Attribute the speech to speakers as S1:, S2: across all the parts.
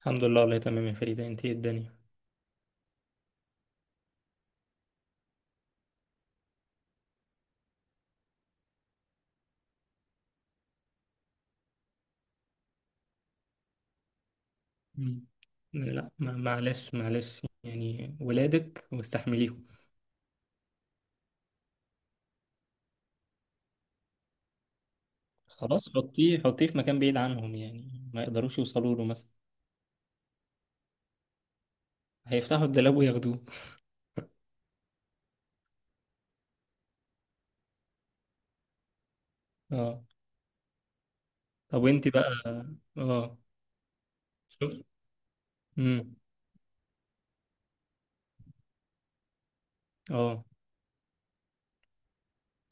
S1: الحمد لله والله تمام يا فريدة، انت ايه الدنيا؟ مم. لا، معلش معلش، يعني ولادك واستحمليهم. خلاص، حطيه حطيه في مكان بعيد عنهم، يعني ما يقدروش يوصلوا له مثلا. هيفتحوا الدولاب وياخدوه. اه. طب وانت بقى؟ اه. شوف. امم. اه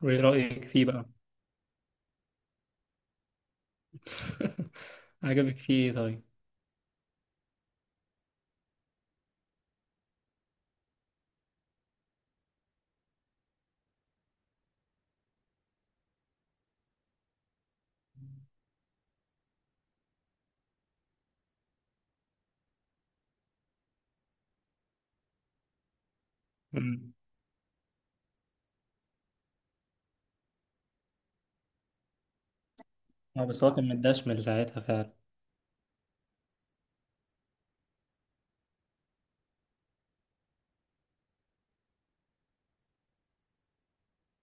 S1: وايه رأيك فيه بقى؟ عجبك فيه ايه طيب؟ امم. اه، بس هو كان متدشمل ساعتها فعلا.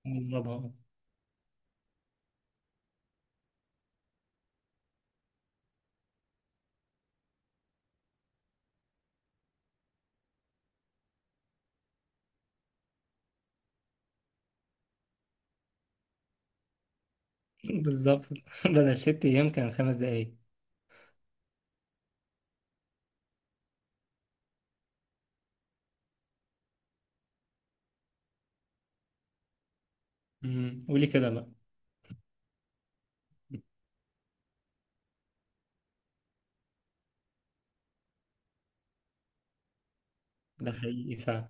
S1: مرة بقى. بالظبط بدل ست ايام كان خمس دقايق. قولي كده بقى. ده حقيقي فعلا.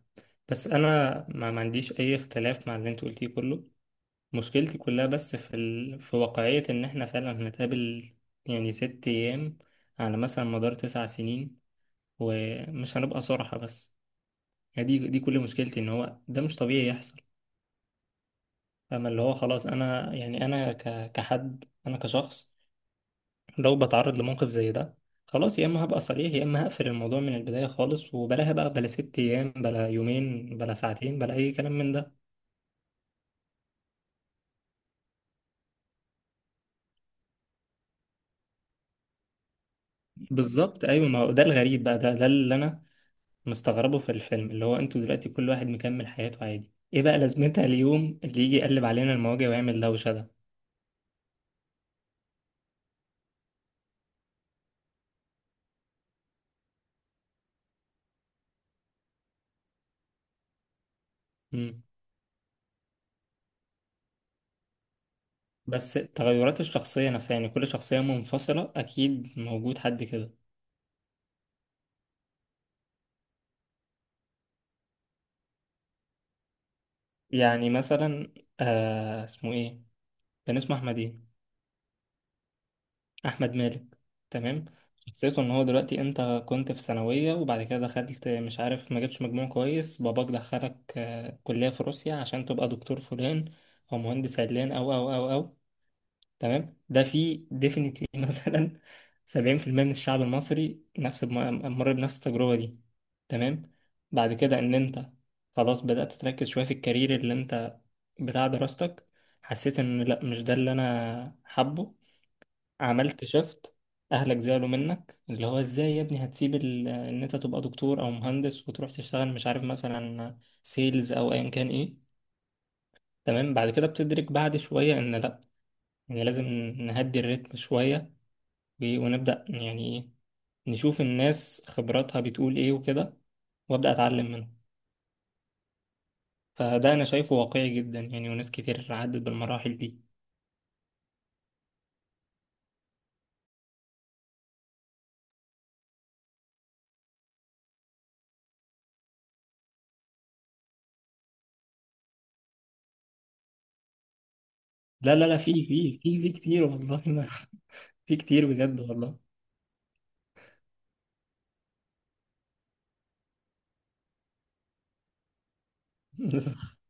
S1: بس انا ما عنديش اي اختلاف مع اللي انت قلتيه كله. مشكلتي كلها بس في ال... في واقعية ان احنا فعلا هنتقابل، يعني ست ايام على مثلا مدار تسع سنين، ومش هنبقى صراحة. بس يعني دي كل مشكلتي، ان هو ده مش طبيعي يحصل. اما اللي هو خلاص، انا يعني انا كحد، انا كشخص لو بتعرض لموقف زي ده، خلاص يا اما هبقى صريح يا اما هقفل الموضوع من البداية خالص، وبلاها بقى، بلا ست ايام بلا يومين بلا ساعتين بلا اي كلام من ده. بالظبط ايوه. ما هو ده الغريب بقى، ده اللي انا مستغربه في الفيلم، اللي هو انتوا دلوقتي كل واحد مكمل حياته عادي، ايه بقى لازمتها اليوم اللي يجي يقلب علينا المواجع ويعمل دوشه ده؟ مم. بس تغيرات الشخصيه نفسها، يعني كل شخصيه منفصله اكيد موجود حد كده. يعني مثلا آه اسمه ايه، كان اسمه احمد ايه؟ احمد مالك. تمام. شخصيته ان هو دلوقتي انت كنت في ثانويه، وبعد كده دخلت مش عارف ما جبتش مجموع كويس، باباك دخلك كليه في روسيا عشان تبقى دكتور فلان، او مهندس علان او او او او. تمام. ده في ديفينتلي مثلا 70% من الشعب المصري نفس مر بنفس التجربه دي. تمام. بعد كده ان انت خلاص بدات تركز شويه في الكارير اللي انت بتاع دراستك، حسيت ان لا مش ده اللي انا حابه. عملت شفت اهلك زعلوا منك، اللي هو ازاي يا ابني هتسيب ان انت تبقى دكتور او مهندس وتروح تشتغل مش عارف مثلا سيلز او ايا كان ايه. تمام. بعد كده بتدرك بعد شوية ان لا، يعني لازم نهدي الريتم شوية، ونبدأ يعني ايه، نشوف الناس خبراتها بتقول ايه وكده، وابدأ اتعلم منهم. فده انا شايفه واقعي جدا، يعني وناس كتير عدت بالمراحل دي. لا لا لا، في كتير والله ما في كتير بجد والله.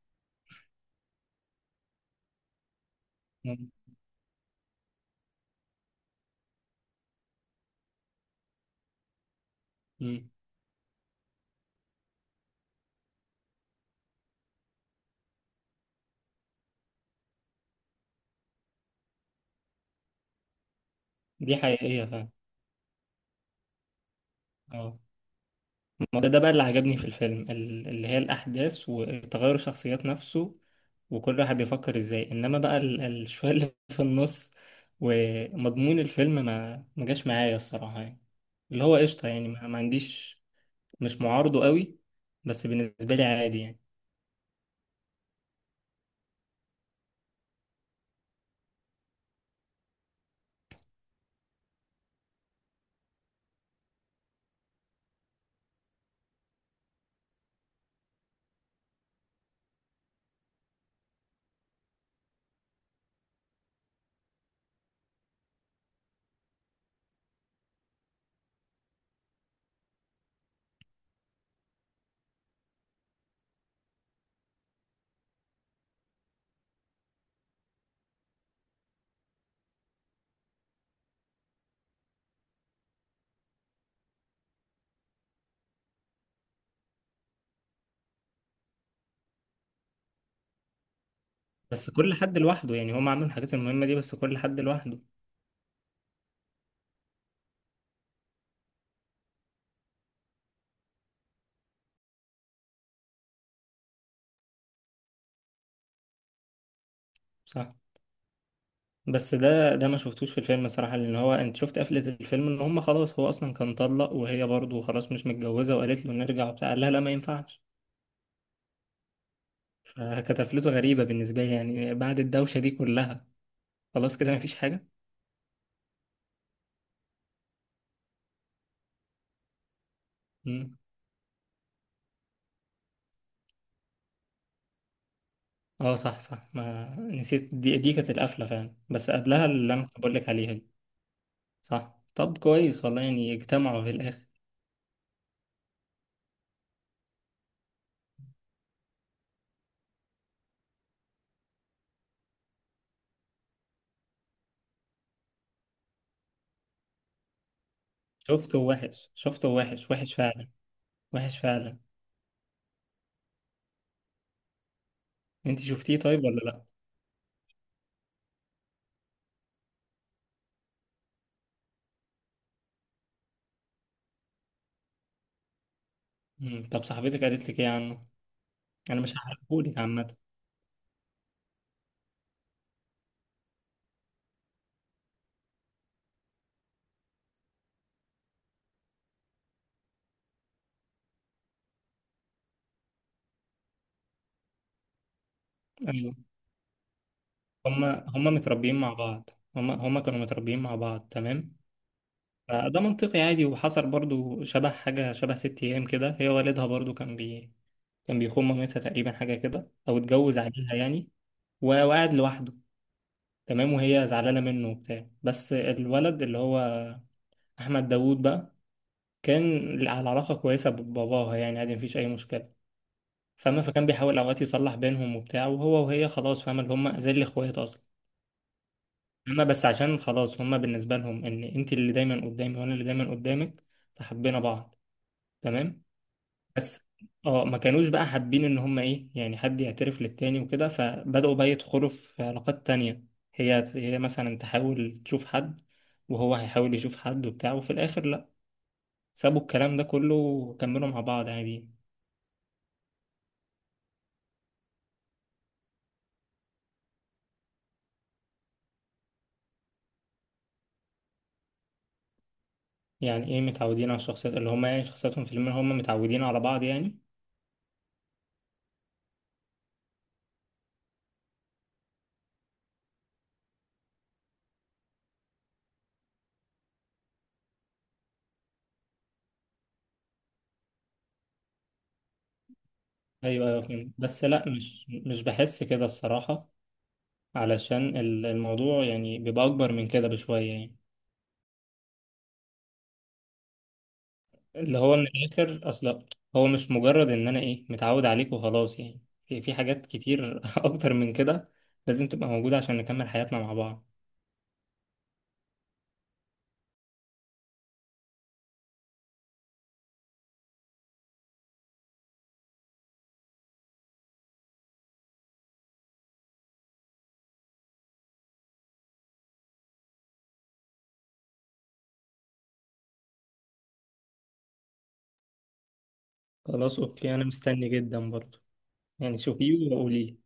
S1: مم. دي حقيقية فعلا. اه، ما ده بقى اللي عجبني في الفيلم، اللي هي الأحداث وتغير الشخصيات نفسه، وكل واحد بيفكر ازاي. انما بقى شوية اللي في النص ومضمون الفيلم ما جاش معايا الصراحة يعني، اللي هو قشطة يعني، ما عنديش، مش معارضه قوي، بس بالنسبة لي عادي يعني. بس كل حد لوحده، يعني هم عاملين الحاجات المهمة دي بس كل حد لوحده. صح. بس ده ما شفتوش في الفيلم صراحة، لأن هو أنت شفت قفلة الفيلم إن هم خلاص، هو أصلا كان طلق وهي برضه خلاص مش متجوزة، وقالت له نرجع وبتاع، قال لها لا ما ينفعش. فكانت قفلته غريبة بالنسبة لي، يعني بعد الدوشة دي كلها، خلاص كده مفيش حاجة. مم. اه صح صح، ما نسيت دي كانت القفلة فعلا، بس قبلها اللي أنا كنت بقول لك عليها دي. صح، طب كويس والله، يعني اجتمعوا في الآخر. شفته وحش، شفته وحش وحش فعلا. وحش فعلا. أنت شفتيه طيب ولا لأ؟ مم. طب صاحبتك قالت لك إيه عنه؟ انا مش هحرقهولك عامه. ايوه. هما هما متربيين مع بعض، هما هما كانوا متربيين مع بعض تمام، فده منطقي عادي. وحصل برضو شبه حاجه شبه ست ايام كده، هي والدها برضو كان بي كان بيخون مامتها تقريبا، حاجه كده او اتجوز عليها يعني، وقعد لوحده. تمام، وهي زعلانه منه وبتاع. بس الولد اللي هو احمد داوود بقى، كان على علاقه كويسه بباباها يعني عادي مفيش اي مشكله، فاهمة؟ فكان بيحاول اوقات يصلح بينهم وبتاع، وهو وهي خلاص فاهمة اللي هم زي الاخوات اصلا. اما بس عشان خلاص، هما بالنسبة لهم ان انت اللي دايما قدامي وانا اللي دايما قدامك، فحبينا بعض. تمام. بس اه ما كانوش بقى حابين ان هما ايه، يعني حد يعترف للتاني وكده، فبدأوا بقى يدخلوا في علاقات تانية. هي هي مثلا تحاول تشوف حد، وهو هيحاول يشوف حد وبتاع، وفي الاخر لا، سابوا الكلام ده كله وكملوا مع بعض عادي. يعني ايه متعودين على الشخصيات، اللي هما يعني شخصياتهم في الفيلم، هما متعودين على بعض يعني. ايوه ايوه فهمت. بس لا، مش بحس كده الصراحة، علشان الموضوع يعني بيبقى أكبر من كده بشوية يعني. اللي هو من الآخر أصلا، هو مش مجرد إن أنا إيه متعود عليك وخلاص، يعني في حاجات كتير أكتر من كده لازم تبقى موجودة عشان نكمل حياتنا مع بعض. خلاص أوكي، أنا مستني جدا برضه. يعني شوفيه وقولي.